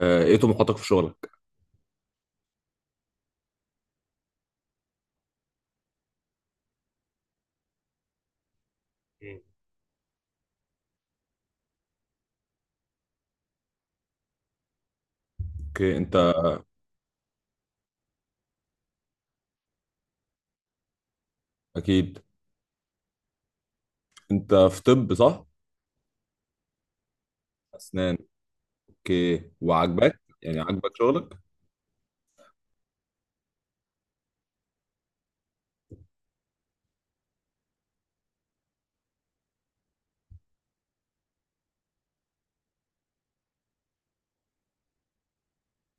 ايه طموحاتك في شغلك؟ مم. اوكي. انت اكيد؟ انت في طب، صح؟ اسنان. اوكي. وعاجباك؟ يعني عاجبك شغلك؟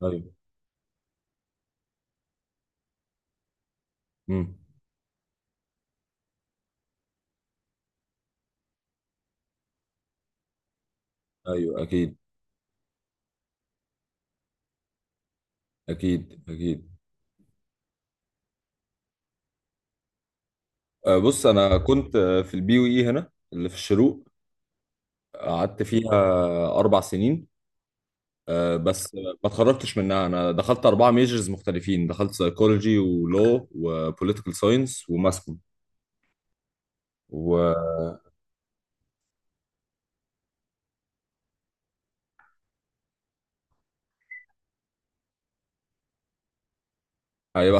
ايوه. امم. ايوه اكيد. اكيد اكيد. بص، انا كنت في البي يو اي هنا، اللي في الشروق. قعدت فيها اربع سنين. بس ما اتخرجتش منها. انا دخلت اربعه ميجرز مختلفين، دخلت سايكولوجي، ولو وبوليتيكال ساينس وماسكوم. وهيبقى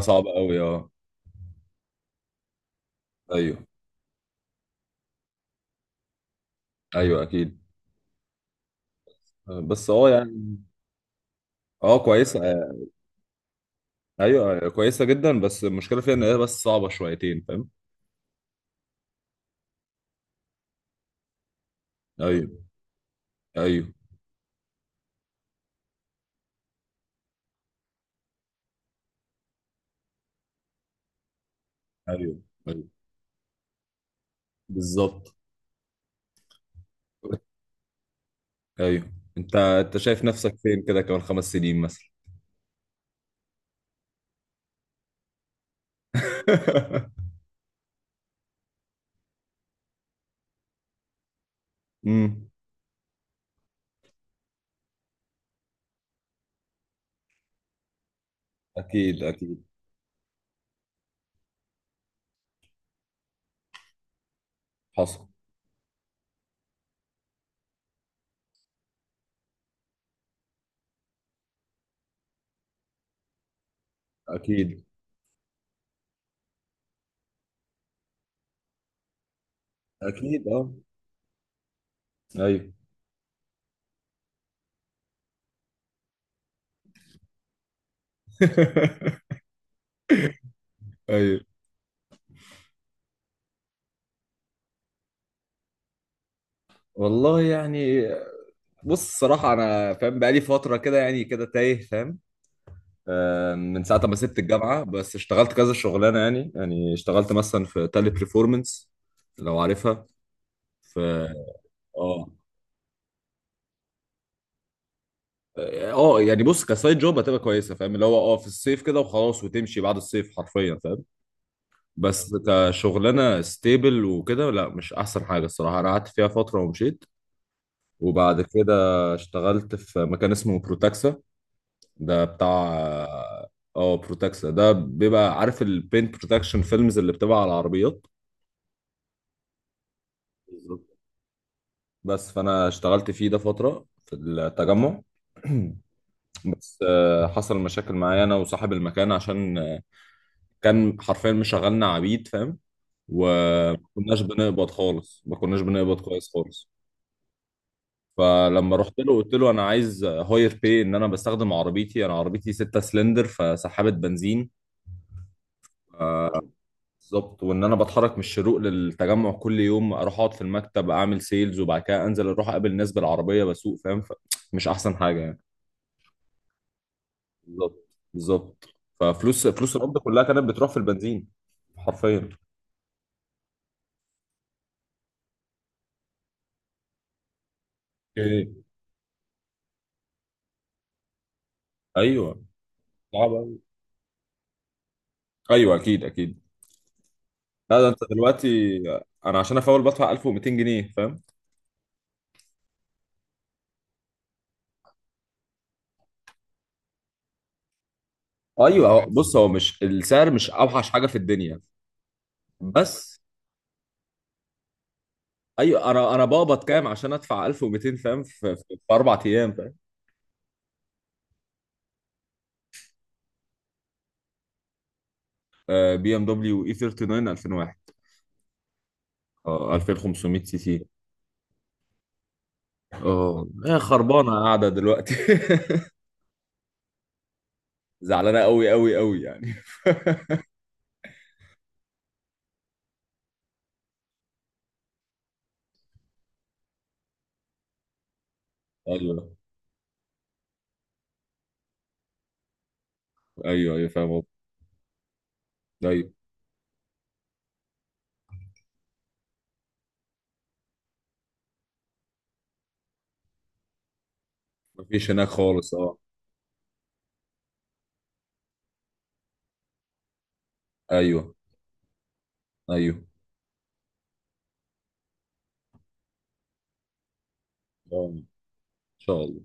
صعب قوي، اه. ايوه ايوه اكيد. بس اه يعني. اه كويسه، ايوه كويسه جدا، بس المشكله فيها ان هي بس صعبه شويتين، فاهم؟ ايوه. ايوه. ايوه. ايوه بالظبط. ايوه. انت انت شايف نفسك فين كده كمان خمس سنين مثلا؟ امم. اكيد اكيد. حصل. اكيد اكيد اه. ايوه. ايوه والله يعني. بص، الصراحه انا فاهم بقالي فتره كده، يعني كده تايه فاهم. من ساعة ما سبت الجامعة بس اشتغلت كذا شغلانة، يعني يعني اشتغلت مثلا في تالي بريفورمانس، لو عارفها. في اه. اه يعني بص، كسايد جوب هتبقى كويسة فاهم، اللي هو اه في الصيف كده وخلاص وتمشي بعد الصيف حرفيا، فاهم؟ بس كشغلانة ستيبل وكده، لا مش أحسن حاجة الصراحة. أنا قعدت فيها فترة ومشيت. وبعد كده اشتغلت في مكان اسمه بروتاكسا. ده بتاع. اه بروتاكسا ده بيبقى، عارف البينت بروتكشن فيلمز اللي بتبقى على العربيات؟ بس فانا اشتغلت فيه ده فتره في التجمع. بس حصل مشاكل معايا انا وصاحب المكان، عشان كان حرفيا مشغلنا عبيد فاهم. وما كناش بنقبض خالص، ما كناش بنقبض كويس خالص. فلما رحت له قلت له انا عايز هاير باي، ان انا بستخدم عربيتي، انا عربيتي 6 سلندر، فسحابه بنزين. آه، بالظبط. وان انا بتحرك من الشروق للتجمع كل يوم، اروح اقعد في المكتب اعمل سيلز، وبعد كده انزل اروح اقابل ناس بالعربيه بسوق، فاهم؟ مش احسن حاجه يعني. بالظبط بالظبط. ففلوس القبض كلها كانت بتروح في البنزين. حرفيا. اوكي. ايوه. صعب أوي. ايوه اكيد اكيد. لا ده انت دلوقتي. انا عشان افول بدفع 1200 جنيه فاهم. ايوه. بص، هو مش السعر مش اوحش حاجه في الدنيا. بس. ايوه انا انا بقبض كام عشان ادفع 1200 فاهم؟ في اربع ايام فاهم. بي ام دبليو اي 39 2001. اه 2500 سي سي. اه هي خربانه قاعده دلوقتي. زعلانه قوي قوي قوي يعني. ايوه ايوه. ايوه فاهم قصدك. ايوه. مفيش هناك خالص اه. ايوه. ايوه. ان شاء الله.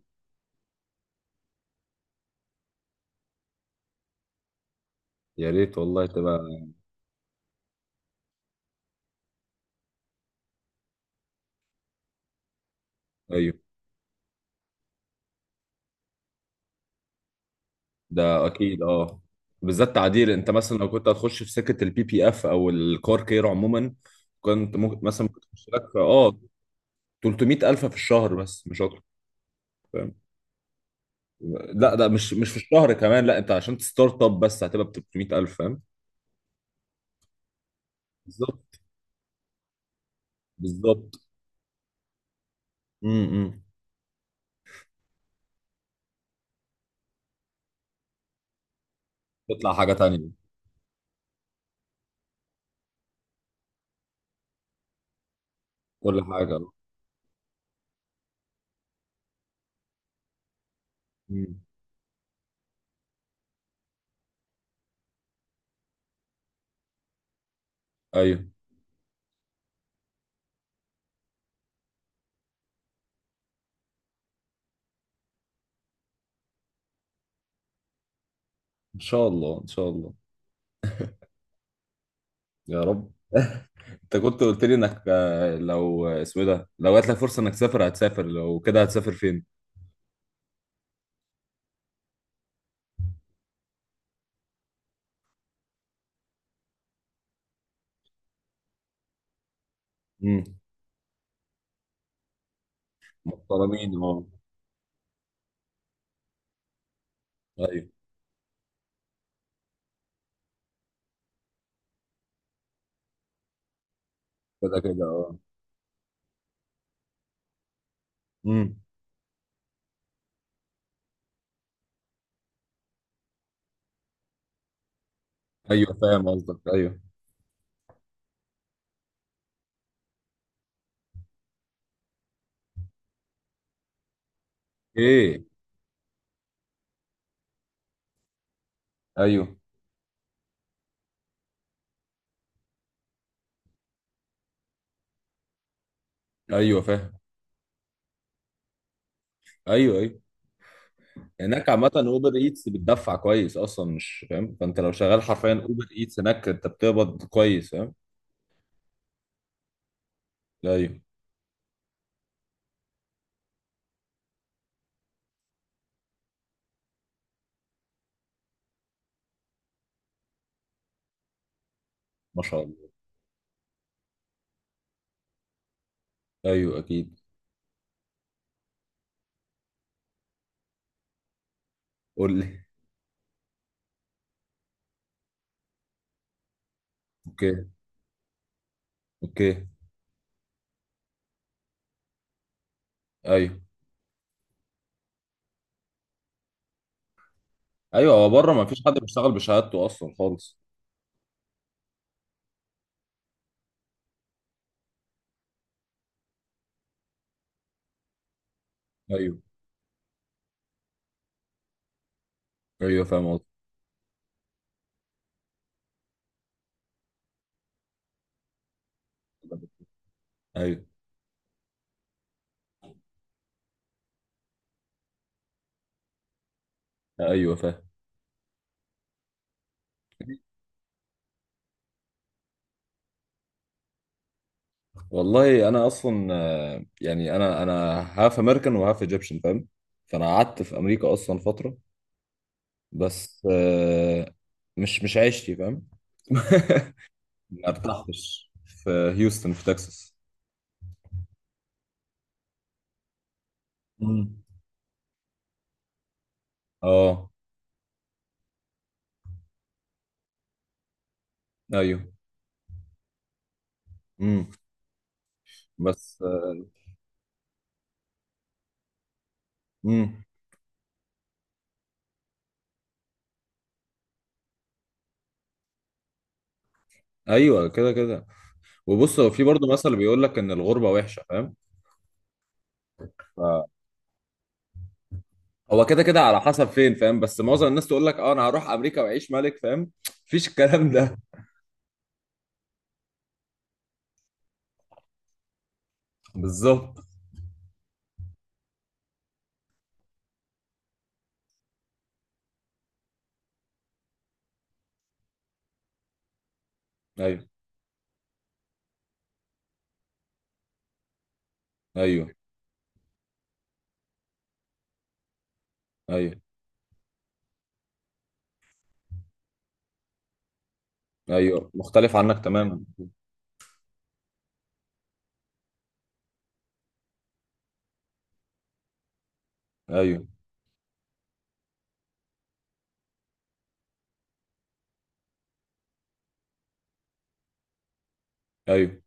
يا ريت والله تبقى. ايوه. ده اكيد اه. بالذات تعديل. انت مثلا لو كنت هتخش في سكه البي بي اف او الكار كير عموما، كنت ممكن مثلا ممكن تخش لك في اه 300 الف في الشهر بس مش اكتر، فاهم؟ لا ده مش في الشهر كمان، لا انت عشان تستارت اب بس هتبقى ب 300 الف، فاهم؟ بالظبط. بالظبط. امم. تطلع حاجه تانيه. كل حاجه آه. امم. ايوه ان شاء الله، ان شاء الله. يا رب. انت كنت قلت لي انك لو اسمه إيه ده، لو جات لك فرصه انك تسافر هتسافر، لو كده هتسافر فين؟ امم. محترمين اه. ايوه كده كده اه. امم. ايوه فاهم قصدك ايوه. ايه. ايوه ايوه فاهم. ايوه. ايوه. هناك عامة اوبر ايتس بتدفع كويس اصلا، مش فاهم، فانت لو شغال حرفيا اوبر ايتس هناك انت بتقبض كويس، فاهم؟ ايوه. ما شاء الله. ايوه اكيد. قول لي. اوكي. اوكي. ايوه. ايوه. هو بره ما فيش حد بيشتغل بشهادته اصلا خالص. ايوه. ايوه فاهم قصدك. ايوه. ايوه فاهم. والله انا اصلا يعني انا انا هاف امريكان وهاف ايجيبشن، فاهم؟ فانا قعدت في امريكا اصلا فتره. بس مش عيشتي فاهم. ما ارتحتش في. هيوستن في تكساس. مم. اه. ايوه. امم. بس. امم. ايوه كده كده. وبص هو في برضه مثل بيقول لك ان الغربه وحشه فاهم. هو كده كده على حسب فين فاهم، بس معظم الناس تقول لك اه انا هروح امريكا واعيش ملك فاهم. مفيش الكلام ده. بالظبط. ايوه. ايوه. ايوه. ايوه مختلف عنك تماما. ايوه. ايوه.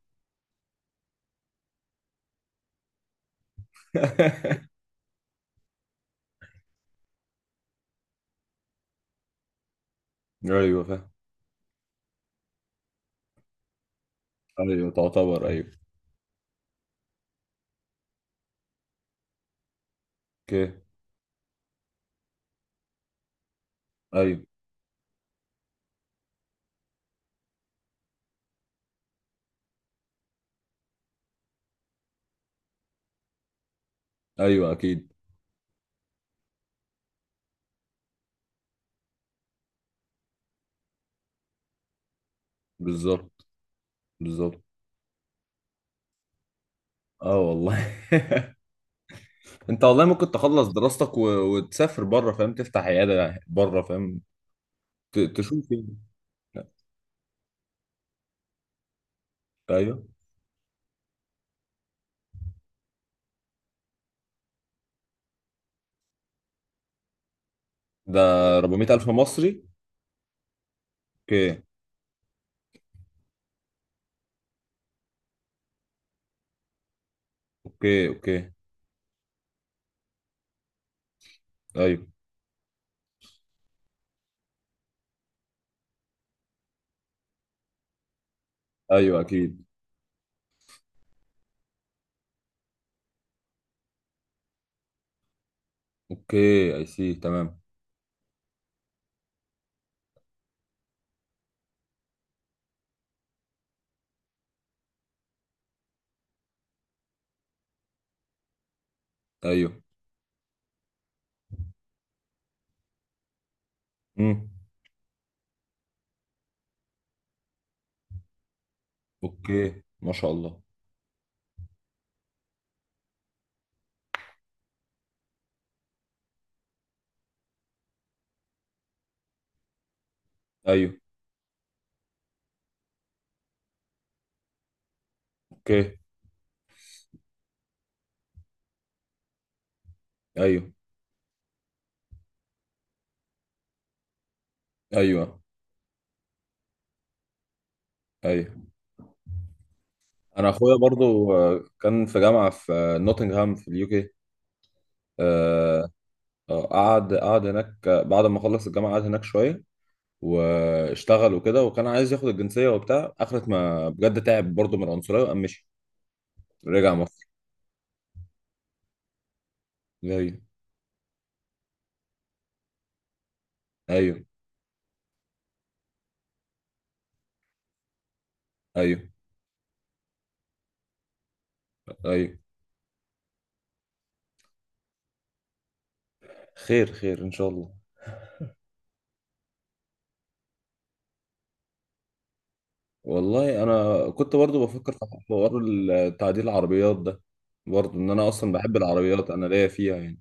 ايوه. فاهم. ايوه تعتبر ايوه. اوكي. ايوه. ايوه اكيد. بالظبط بالظبط. اه والله. انت والله ممكن تخلص دراستك وتسافر بره فاهم، تفتح عياده بره فاهم، تشوف يعني. ايوه. ده 400 الف مصري. اوكي. اوكي. اوكي. ايوه. ايوه اكيد. اوكي اي سي تمام. ايوه. امم. اوكي ما شاء الله. ايوه. اوكي. ايوه. ايوه. ايوه. انا اخويا برضو كان في جامعه في نوتنغهام في اليو كي. آه، قعد هناك، بعد ما خلص الجامعه قعد هناك شويه واشتغل وكده، وكان عايز ياخد الجنسيه وبتاع، اخرت ما بجد تعب برضو من العنصريه وقام مشي، رجع مصر. ايوه. ايوه. ايوه. ايوه. خير خير ان شاء الله. والله انا كنت برضو بفكر في حوار تعديل العربيات ده، برضو ان انا اصلا بحب العربيات، انا ليا فيها يعني.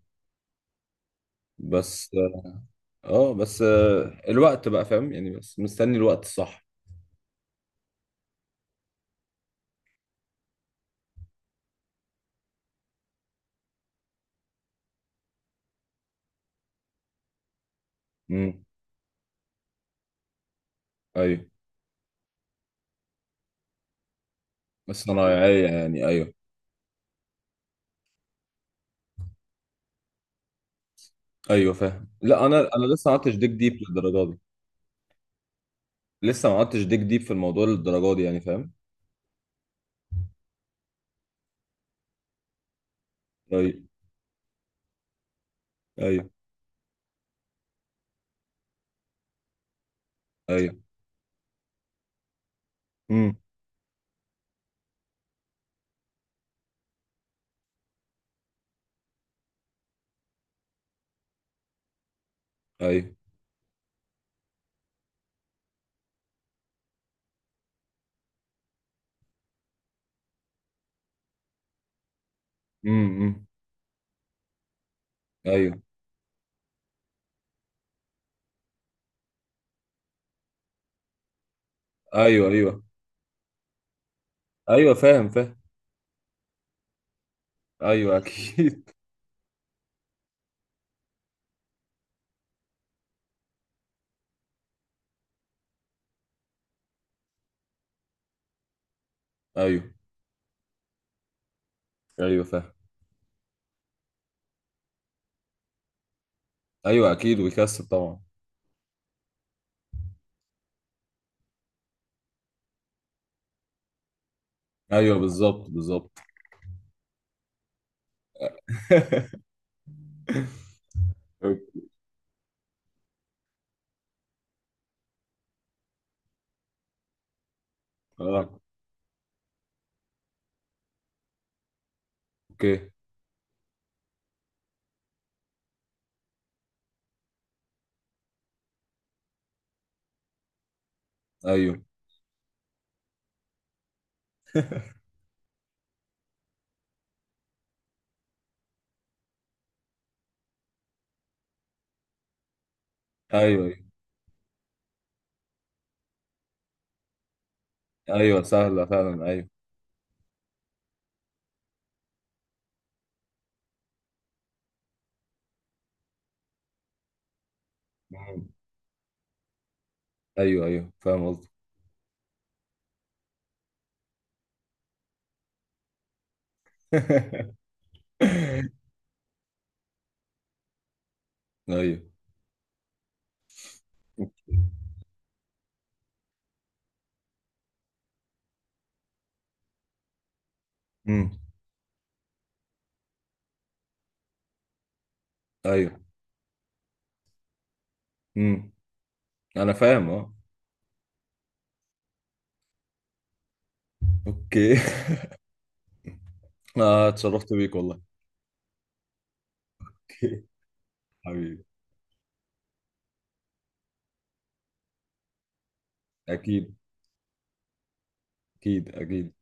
بس. اه بس الوقت بقى فاهم، يعني بس مستني الوقت الصح. امم. ايوه. بس انا يعني يعني ايوه. ايوه فاهم. لا انا انا لسه ما عدتش ديك ديب للدرجه دي. لسه ما عدتش ديك ديب في الموضوع للدرجه دي يعني فاهم. ايوه. ايوه. ايوه. امم. ايوه. امم. ايوه. ايوه. ايوه. ايوه فاهم فاهم. ايوه اكيد. ايوه. ايوه فاهم. ايوه اكيد، ويكسب طبعا. ايوه بالظبط بالظبط. آه. اوكي. ايوه. ايوه. ايوه. ايوه سهله فعلا ايوه. مم. ايوه ايوه فاهم قصدي. ايوه. امم. ايوه. امم. انا فاهم اه. اوكي. آه اتشرفت بيك والله. أوكي. حبيبي. اكيد. اكيد اكيد.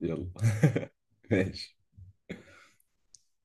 يلا. ماشي.